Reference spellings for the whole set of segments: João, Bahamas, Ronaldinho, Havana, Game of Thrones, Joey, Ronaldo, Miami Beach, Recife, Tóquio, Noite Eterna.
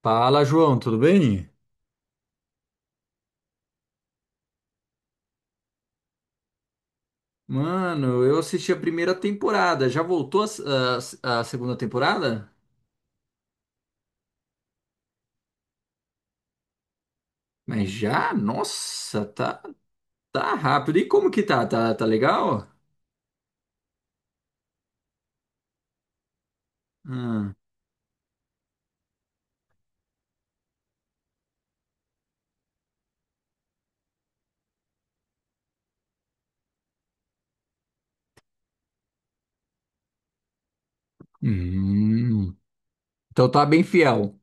Fala, João, tudo bem? Mano, eu assisti a primeira temporada. Já voltou a, a segunda temporada? Mas já? Nossa, tá, tá rápido. E como que tá? Tá legal? Ah. Hum. Então tá bem fiel.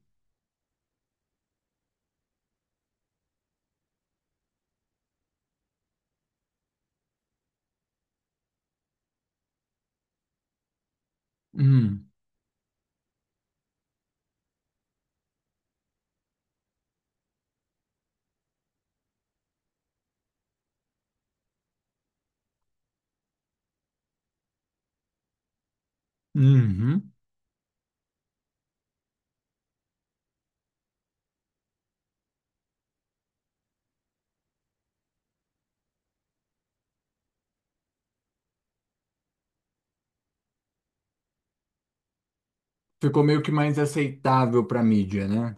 Hum. Uhum. Ficou meio que mais aceitável pra mídia, né?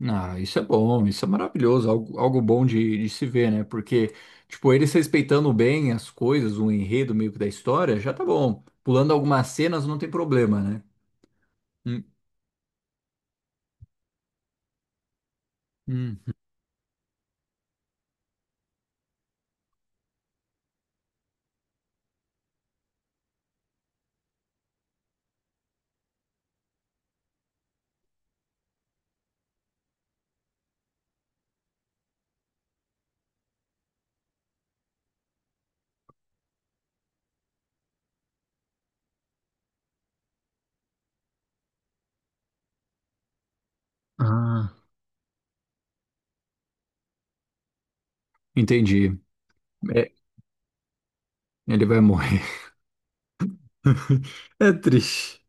Ah, isso é bom, isso é maravilhoso, algo, algo bom de se ver, né? Porque, tipo, eles respeitando bem as coisas, o enredo meio que da história, já tá bom. Pulando algumas cenas não tem problema, né? Hum, hum. Ah, entendi. É, ele vai morrer. É triste.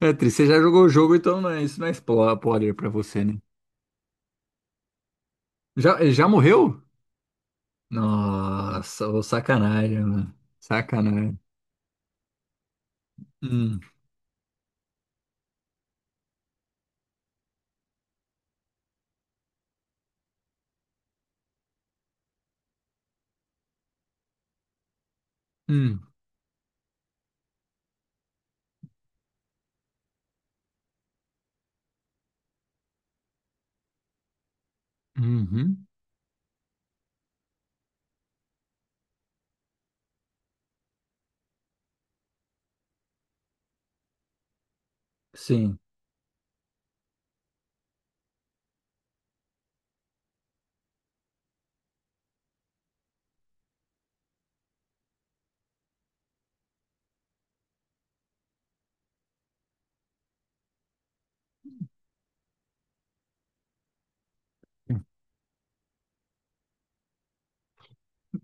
É triste. Você já jogou o jogo, então isso não é spoiler pra você, né? Já, ele já morreu? Nossa, ô sacanagem, mano. Sacanagem. Hum, hum, uhum. Sim.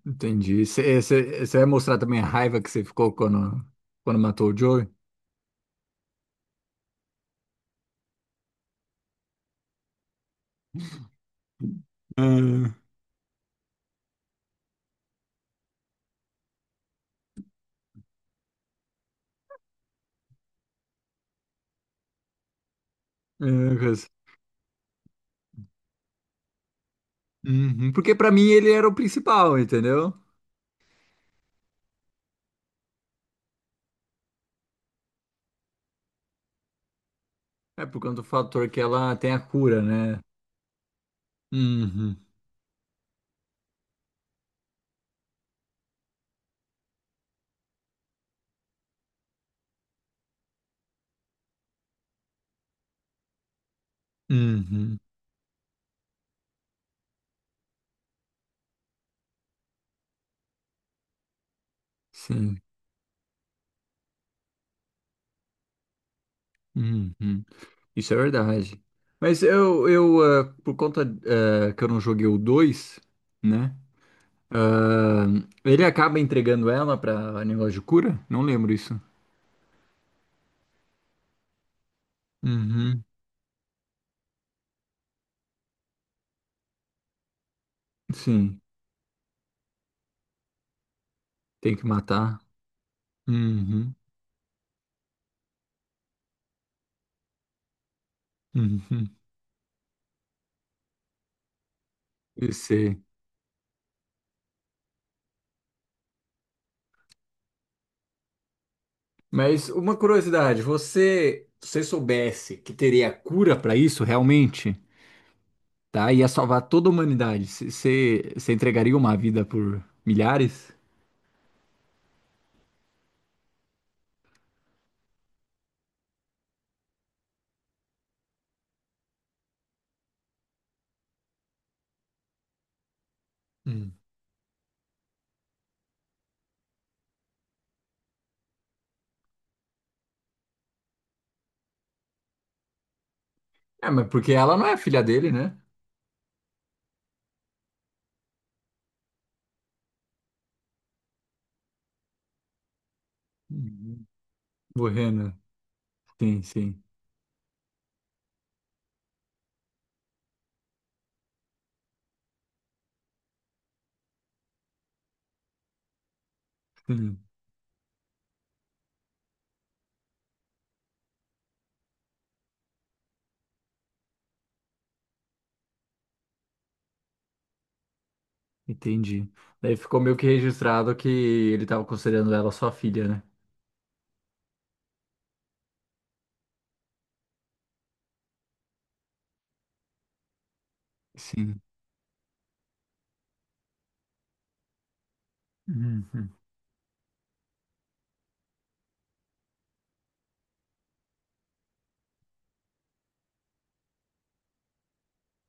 Entendi. Você vai mostrar também a raiva que você ficou quando, quando matou o Joey? Ah, é, Cus. Uhum, porque pra mim ele era o principal, entendeu? É por conta do fator que ela tem a cura, né? Uhum, uhum, sim, uhum. Isso é verdade. Mas eu por conta que eu não joguei o 2, né? Ah, ele acaba entregando ela pra negócio de cura? Não lembro isso. Uhum, sim, tem que matar. Uhum, uhum, eu sei. Mas uma curiosidade, você, se você soubesse que teria cura para isso realmente, tá? Ia salvar toda a humanidade. Você, você entregaria uma vida por milhares? Hum. É, mas porque ela não é filha dele, né? Uhum. Morrendo. Sim, sim. Sim. Entendi. Daí ficou meio que registrado que ele estava considerando ela sua filha, né? Sim. Uhum.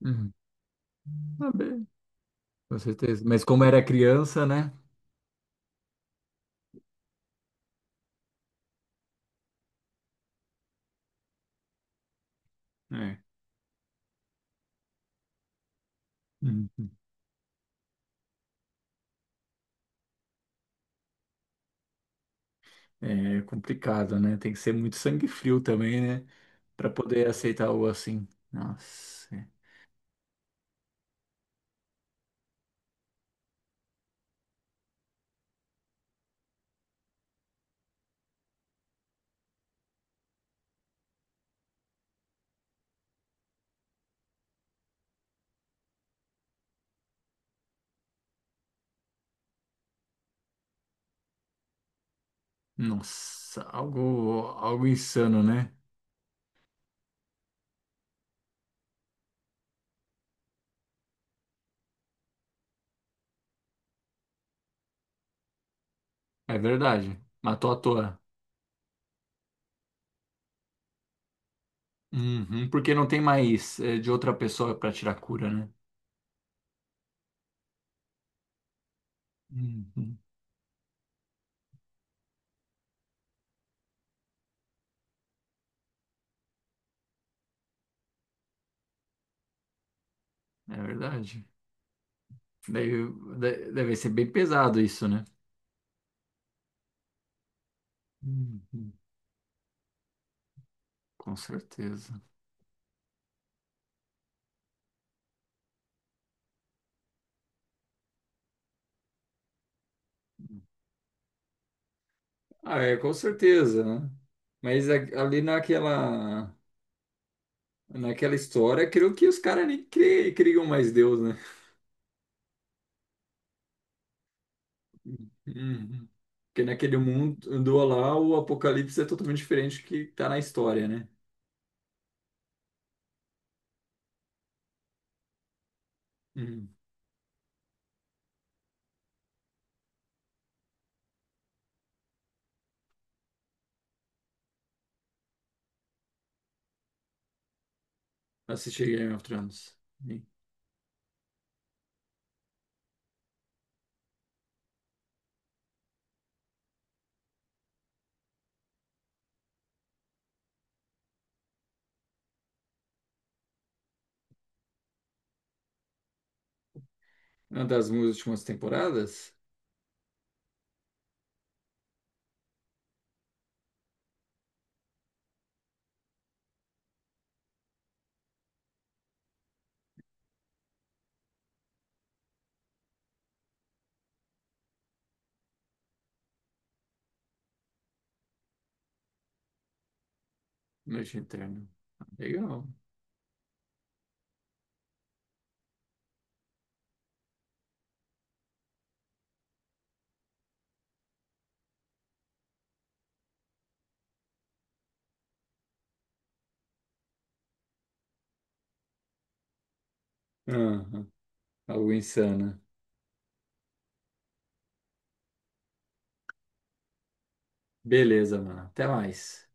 Uhum. Tá bem, com certeza. Mas como era criança, né? Uhum. É complicado, né? Tem que ser muito sangue frio também, né? Pra poder aceitar algo assim. Nossa, é. Nossa, algo, algo insano, né? É verdade. Matou à toa. Uhum, porque não tem mais é, de outra pessoa pra tirar cura, né? Uhum. É verdade. Deve, Deve ser bem pesado isso, né? Uhum. Com certeza. Ah, é, com certeza, né? Mas ali naquela história, creio que os caras nem criam mais Deus, né? Uhum. Porque naquele mundo lá, o Apocalipse é totalmente diferente do que tá na história, né? Uhum. Assisti Game of Thrones. Sim. Uma das minhas últimas temporadas? Noite Eterna. Legal. Aham. Algo insana. Beleza, mano. Até mais.